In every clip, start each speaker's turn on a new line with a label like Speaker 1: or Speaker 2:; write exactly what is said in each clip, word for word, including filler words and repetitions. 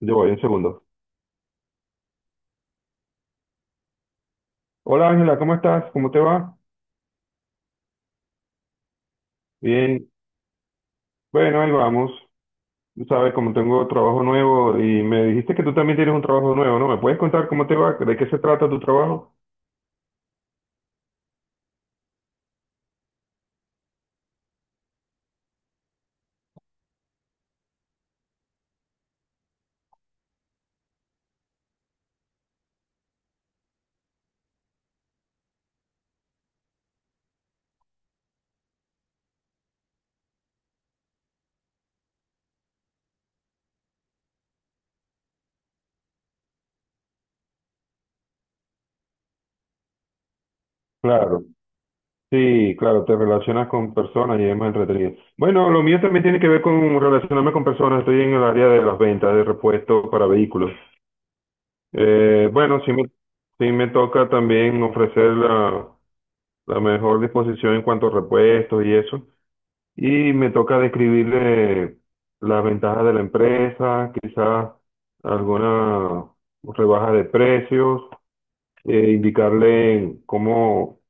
Speaker 1: Yo voy, un segundo. Hola Ángela, ¿cómo estás? ¿Cómo te va? Bien. Bueno, ahí vamos. Tú sabes, como tengo trabajo nuevo y me dijiste que tú también tienes un trabajo nuevo, ¿no? ¿Me puedes contar cómo te va? ¿De qué se trata tu trabajo? Claro, sí, claro, te relacionas con personas y es más entretenido. Bueno, lo mío también tiene que ver con relacionarme con personas. Estoy en el área de las ventas de repuestos para vehículos. Eh, bueno, sí me, sí me toca también ofrecer la, la mejor disposición en cuanto a repuestos y eso. Y me toca describirle las ventajas de la empresa, quizás alguna rebaja de precios, eh, indicarle cómo,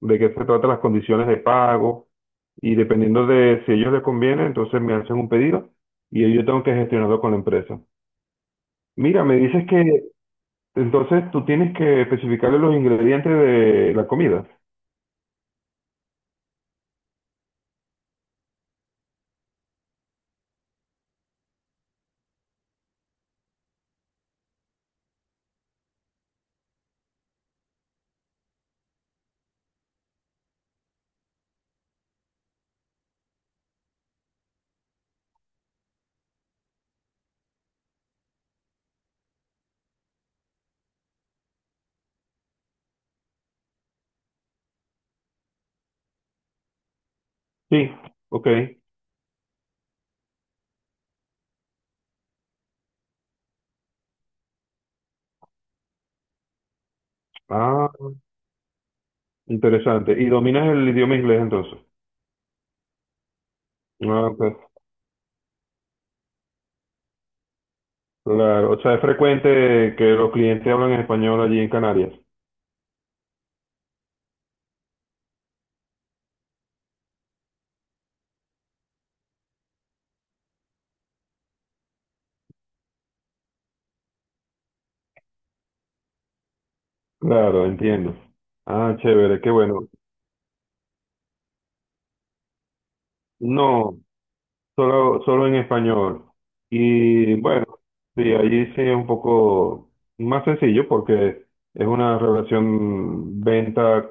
Speaker 1: de qué se tratan las condiciones de pago, y dependiendo de si a ellos les conviene, entonces me hacen un pedido y yo tengo que gestionarlo con la empresa. Mira, me dices que entonces tú tienes que especificarle los ingredientes de la comida. Sí, ok. Ah, interesante. ¿Y dominas el idioma inglés entonces? Ah, ok. Claro, o sea, es frecuente que los clientes hablan en español allí en Canarias. Claro, entiendo. Ah, chévere, qué bueno. No, solo, solo en español. Y bueno, sí, allí sí es un poco más sencillo porque es una relación venta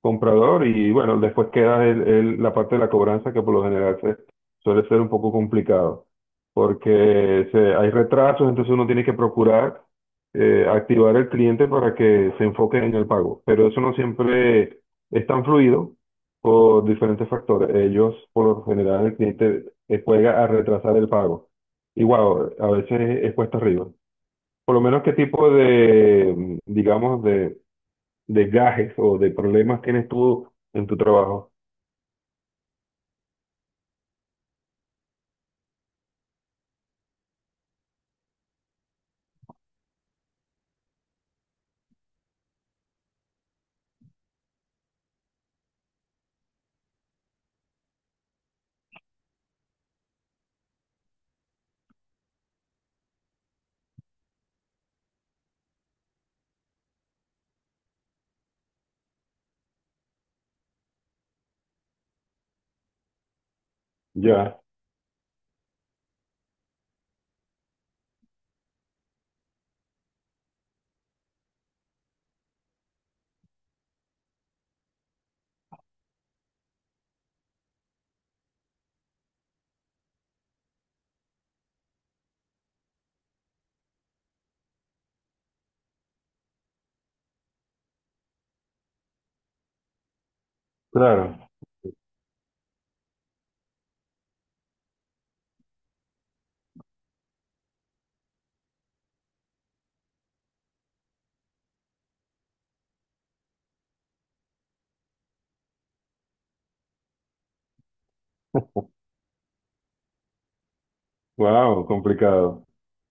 Speaker 1: comprador, y bueno, después queda el- el- la parte de la cobranza que, por lo general, se- suele ser un poco complicado, porque se- hay retrasos, entonces uno tiene que procurar eh, activar el cliente para que se enfoque en el pago, pero eso no siempre es tan fluido por diferentes factores. Ellos, por lo general, el cliente eh, juega a retrasar el pago. Y wow, a veces es cuesta arriba. Por lo menos, ¿qué tipo de, digamos, de desgajes o de problemas tienes tú en tu trabajo? Ya, claro. Wow, complicado.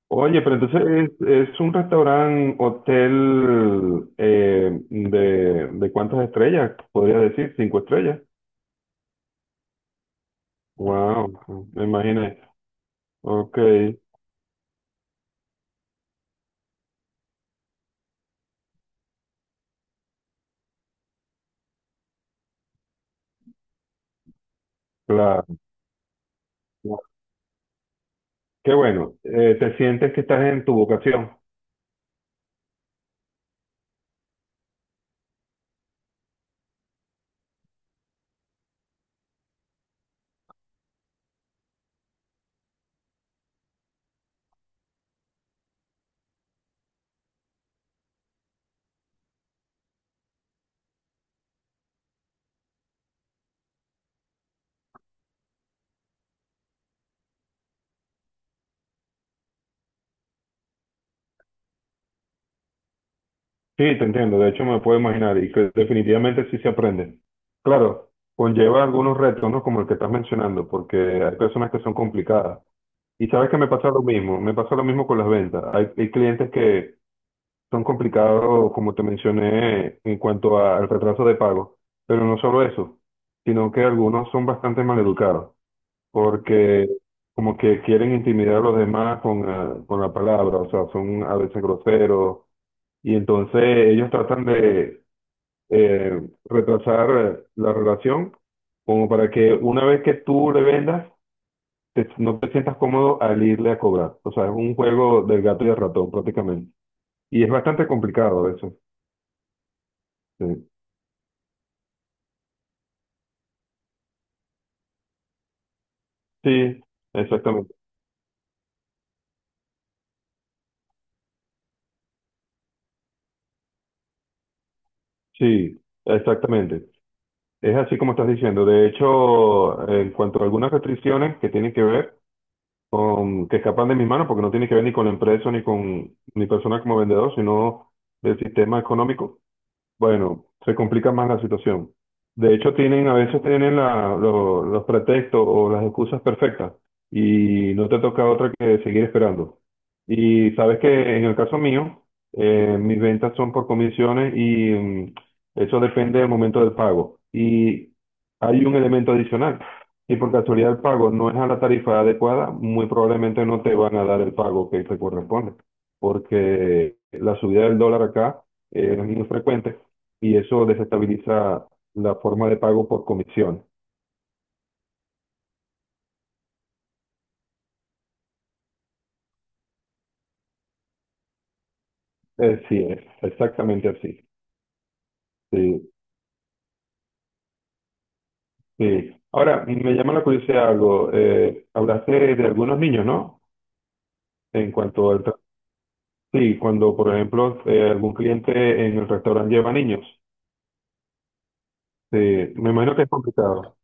Speaker 1: Oye, pero entonces es, es un restaurante, hotel eh, de, de cuántas estrellas, podría decir, cinco estrellas. Wow, me imaginé. Ok, claro. Qué bueno. Eh, te sientes que estás en tu vocación. Sí, te entiendo, de hecho me puedo imaginar, y que definitivamente sí se aprende. Claro, conlleva algunos retos, ¿no? Como el que estás mencionando, porque hay personas que son complicadas. Y sabes que me pasa lo mismo, me pasa lo mismo con las ventas. Hay, hay clientes que son complicados, como te mencioné, en cuanto a- al retraso de pago, pero no solo eso, sino que algunos son bastante maleducados, porque como que quieren intimidar a los demás con, la- con la palabra, o sea, son a veces groseros. Y entonces ellos tratan de, eh, retrasar eh, la relación, como para que una vez que tú le vendas, te- no te sientas cómodo al irle a cobrar. O sea, es un juego del gato y el ratón prácticamente. Y es bastante complicado eso. Sí, sí, exactamente. Sí, exactamente. Es así como estás diciendo. De hecho, en cuanto a algunas restricciones que tienen que ver con, que escapan de mis manos, porque no tiene que ver ni con la empresa, ni con mi persona como vendedor, sino del sistema económico. Bueno, se complica más la situación. De hecho, tienen, a veces tienen la- lo- los pretextos o las excusas perfectas y no te toca otra que seguir esperando. Y sabes que en el caso mío, eh, mis ventas son por comisiones y mm, eso depende del momento del pago. Y hay un elemento adicional. Si por casualidad el pago no es a la tarifa adecuada, muy probablemente no te van a dar el pago que te corresponde, porque la subida del dólar acá eh, es muy frecuente y eso desestabiliza la forma de pago por comisión. Eh, sí, es exactamente así. Sí, sí. Ahora, me llama la curiosidad algo. Eh, hablaste de algunos niños, ¿no? En cuanto al... tra- Sí, cuando, por ejemplo, eh, algún cliente en el restaurante lleva niños. Sí, me imagino que es complicado.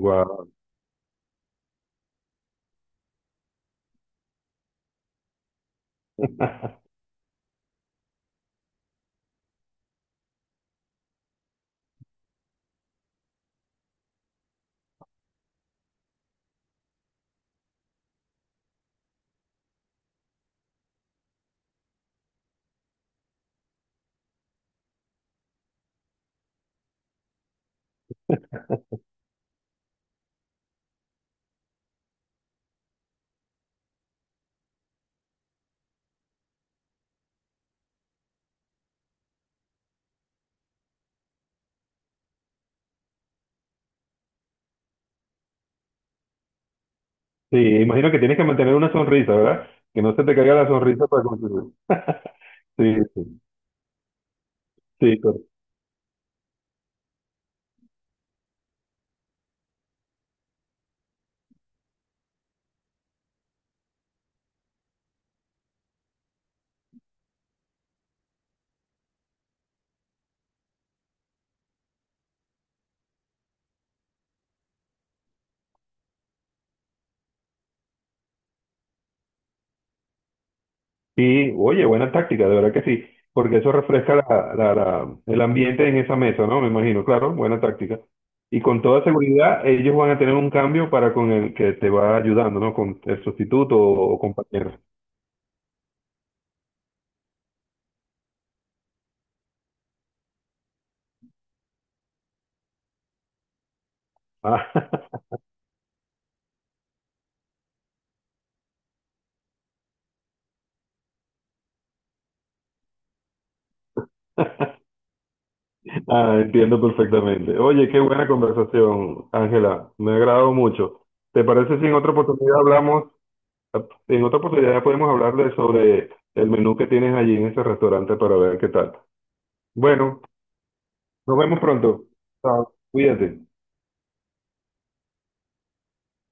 Speaker 1: Guau. Sí, imagino que tienes que mantener una sonrisa, ¿verdad? Que no se te caiga la sonrisa para continuar. Sí, sí, sí, sí, oye, buena táctica, de verdad que sí, porque eso refresca la- la- la- el ambiente en esa mesa, ¿no? Me imagino, claro, buena táctica. Y con toda seguridad, ellos van a tener un cambio para con el que te va ayudando, ¿no? Con el sustituto o, compañero. Ah, ah, entiendo perfectamente. Oye, qué buena conversación, Ángela, me ha agradado mucho. ¿Te parece si en otra oportunidad hablamos, ¿En otra oportunidad podemos hablar de sobre el menú que tienes allí en ese restaurante para ver qué tal? Bueno. Nos vemos pronto. Chao. Cuídate.